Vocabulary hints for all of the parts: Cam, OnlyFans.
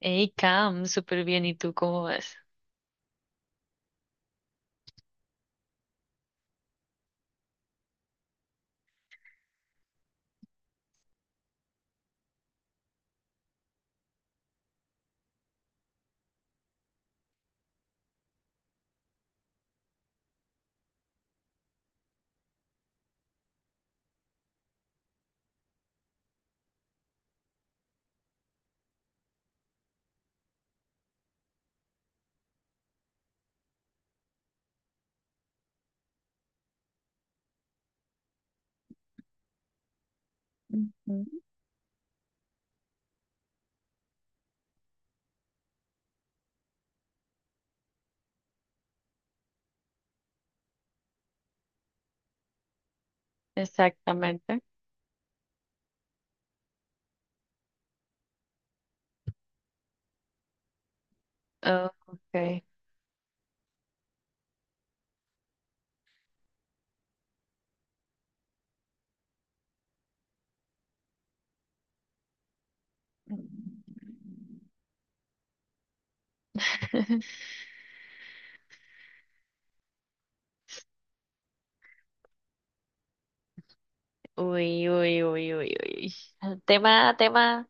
Hey, Cam, súper bien. ¿Y tú cómo vas? Exactamente. Oh, ok. Uy, uy, uy, uy, uy. Tema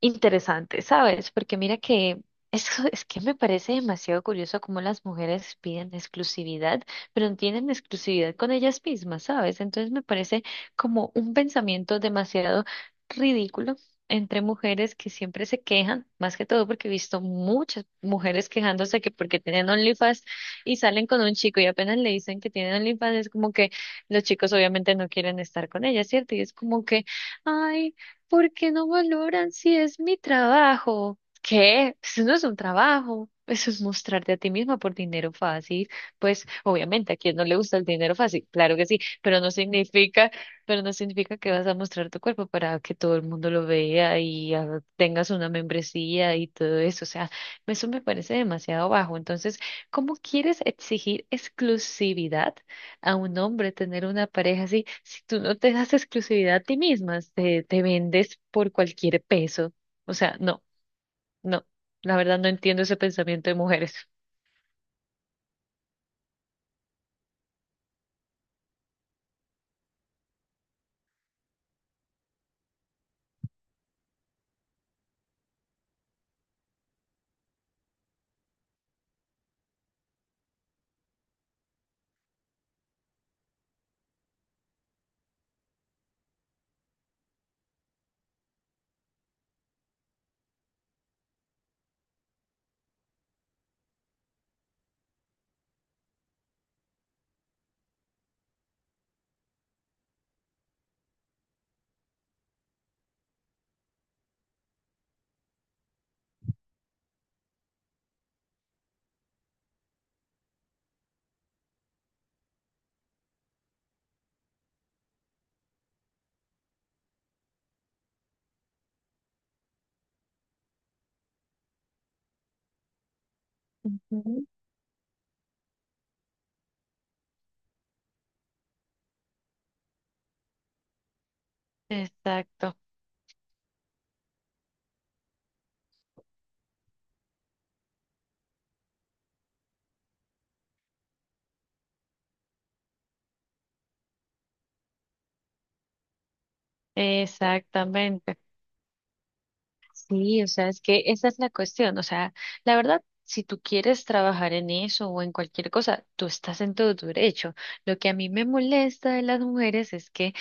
interesante, ¿sabes? Porque mira que es que me parece demasiado curioso cómo las mujeres piden exclusividad, pero no tienen exclusividad con ellas mismas, ¿sabes? Entonces me parece como un pensamiento demasiado ridículo entre mujeres que siempre se quejan, más que todo porque he visto muchas mujeres quejándose que porque tienen OnlyFans y salen con un chico y apenas le dicen que tienen OnlyFans es como que los chicos obviamente no quieren estar con ella, ¿cierto? Y es como que, ay, ¿por qué no valoran si es mi trabajo? ¿Qué? Eso no es un trabajo. Eso es mostrarte a ti misma por dinero fácil. Pues obviamente a quien no le gusta el dinero fácil, claro que sí, pero no significa que vas a mostrar tu cuerpo para que todo el mundo lo vea y ah, tengas una membresía y todo eso. O sea, eso me parece demasiado bajo. Entonces, ¿cómo quieres exigir exclusividad a un hombre, tener una pareja así, si tú no te das exclusividad a ti misma? Te vendes por cualquier peso. O sea, no, no, la verdad no entiendo ese pensamiento de mujeres. Ujú. Exacto, exactamente. Sí, o sea, es que esa es la cuestión. O sea, la verdad, si tú quieres trabajar en eso o en cualquier cosa, tú estás en todo tu derecho. Lo que a mí me molesta de las mujeres es que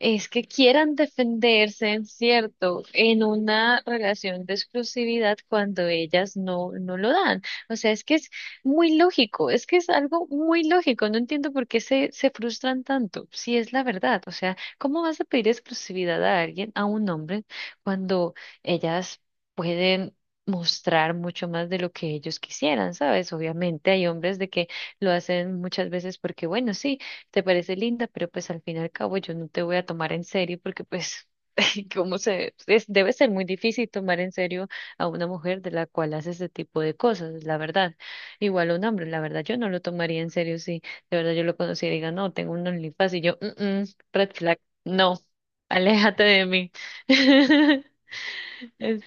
quieran defenderse, ¿en cierto?, en una relación de exclusividad cuando ellas no, no lo dan. O sea, es que es muy lógico, es que es algo muy lógico. No entiendo por qué se frustran tanto, si es la verdad. O sea, ¿cómo vas a pedir exclusividad a alguien, a un hombre, cuando ellas pueden mostrar mucho más de lo que ellos quisieran, ¿sabes? Obviamente hay hombres de que lo hacen muchas veces porque, bueno, sí, te parece linda, pero pues al fin y al cabo yo no te voy a tomar en serio porque pues cómo debe ser muy difícil tomar en serio a una mujer de la cual hace ese tipo de cosas, la verdad. Igual a un hombre, la verdad yo no lo tomaría en serio si de verdad yo lo conociera y diga, "No, tengo un OnlyFans", y yo, "Mm, mm, red flag, no, aléjate de mí." Es-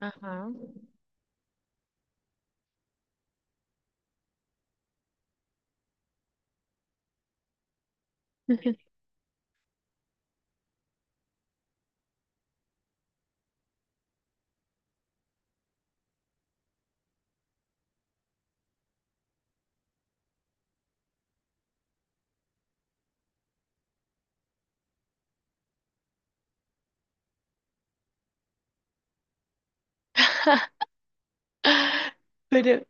Ajá. Pero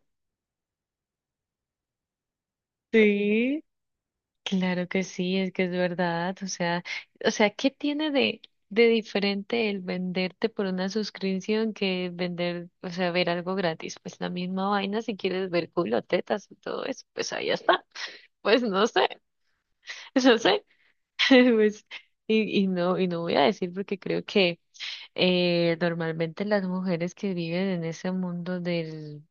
sí. Claro que sí, es que es verdad. O sea, ¿qué tiene de diferente el venderte por una suscripción que vender, o sea, ver algo gratis? Pues la misma vaina, si quieres ver culo, tetas y todo eso, pues ahí está. Pues no sé, no sé. Pues, y no voy a decir, porque creo que normalmente las mujeres que viven en ese mundo del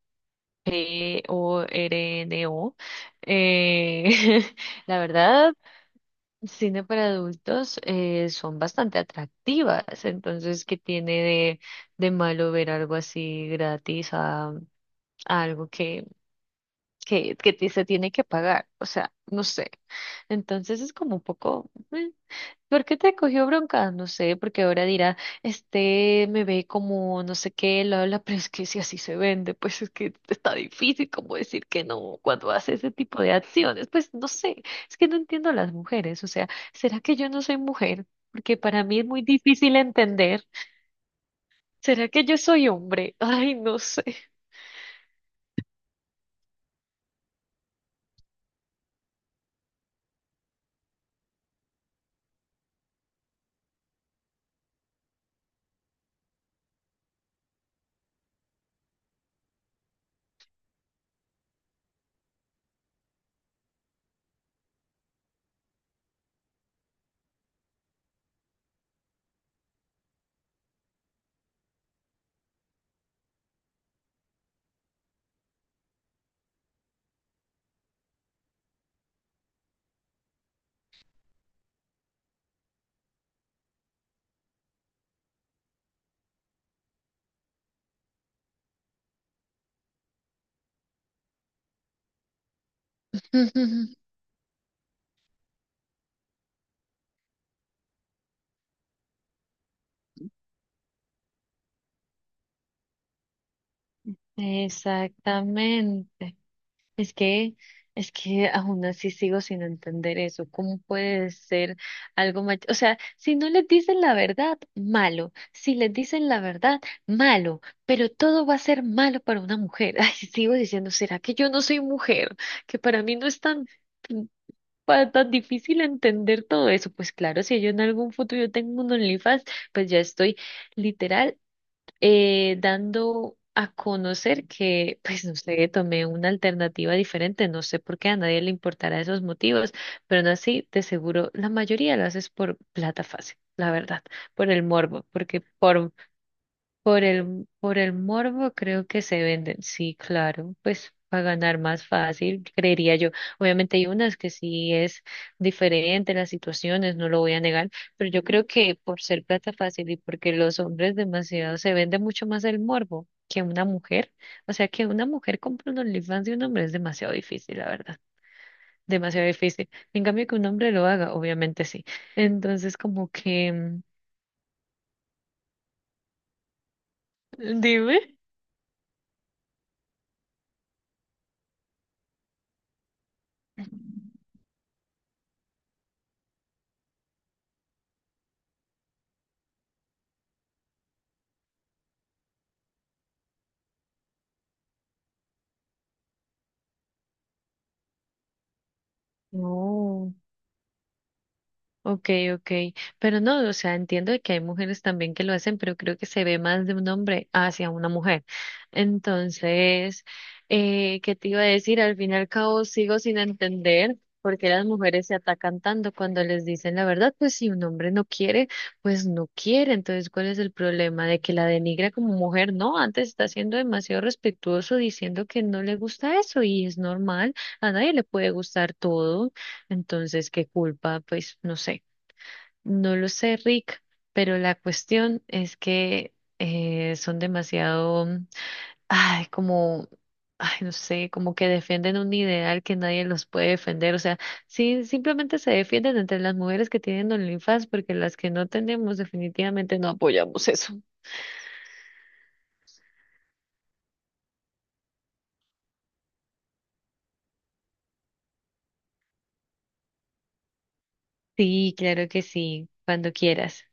PORNO, eh, la verdad, cine para adultos, son bastante atractivas. Entonces, ¿qué tiene de malo ver algo así gratis a algo que, que se tiene que pagar? O sea, no sé. Entonces es como un poco, ¿por qué te cogió bronca? No sé, porque ahora dirá, este me ve como no sé qué, lo habla, pero es que si así se vende, pues es que está difícil como decir que no cuando hace ese tipo de acciones. Pues no sé, es que no entiendo a las mujeres. O sea, ¿será que yo no soy mujer? Porque para mí es muy difícil entender. ¿Será que yo soy hombre? Ay, no sé. Exactamente. Es que, es que aún así sigo sin entender eso. ¿Cómo puede ser algo mal? O sea, si no les dicen la verdad, malo. Si les dicen la verdad, malo. Pero todo va a ser malo para una mujer. Ay, sigo diciendo, ¿será que yo no soy mujer? Que para mí no es tan tan difícil entender todo eso. Pues claro, si yo en algún futuro tengo un OnlyFans, pues ya estoy literal, dando a conocer que, pues no sé, tomé una alternativa diferente. No sé por qué a nadie le importará esos motivos, pero no así, de seguro la mayoría lo haces por plata fácil, la verdad, por el morbo, porque por el morbo creo que se venden, sí, claro, pues para ganar más fácil, creería yo. Obviamente hay unas que sí, es diferente las situaciones, no lo voy a negar, pero yo creo que por ser plata fácil y porque los hombres, demasiado se vende mucho más el morbo que una mujer, o sea, que una mujer compra un OnlyFans de un hombre es demasiado difícil, la verdad, demasiado difícil. En cambio que un hombre lo haga, obviamente sí. Entonces como que, dime. No. Ok, ok, pero no, o sea, entiendo de que hay mujeres también que lo hacen, pero creo que se ve más de un hombre hacia una mujer. Entonces, ¿qué te iba a decir? Al fin y al cabo sigo sin entender por qué las mujeres se atacan tanto cuando les dicen la verdad. Pues si un hombre no quiere, pues no quiere. Entonces, ¿cuál es el problema de que la denigra como mujer? No, antes está siendo demasiado respetuoso diciendo que no le gusta eso y es normal, a nadie le puede gustar todo. Entonces, ¿qué culpa? Pues no sé. No lo sé, Rick, pero la cuestión es que son demasiado, ay, como, ay, no sé, como que defienden un ideal que nadie los puede defender. O sea, sí, simplemente se defienden entre las mujeres que tienen OnlyFans, porque las que no tenemos definitivamente no apoyamos eso. Sí, claro que sí, cuando quieras.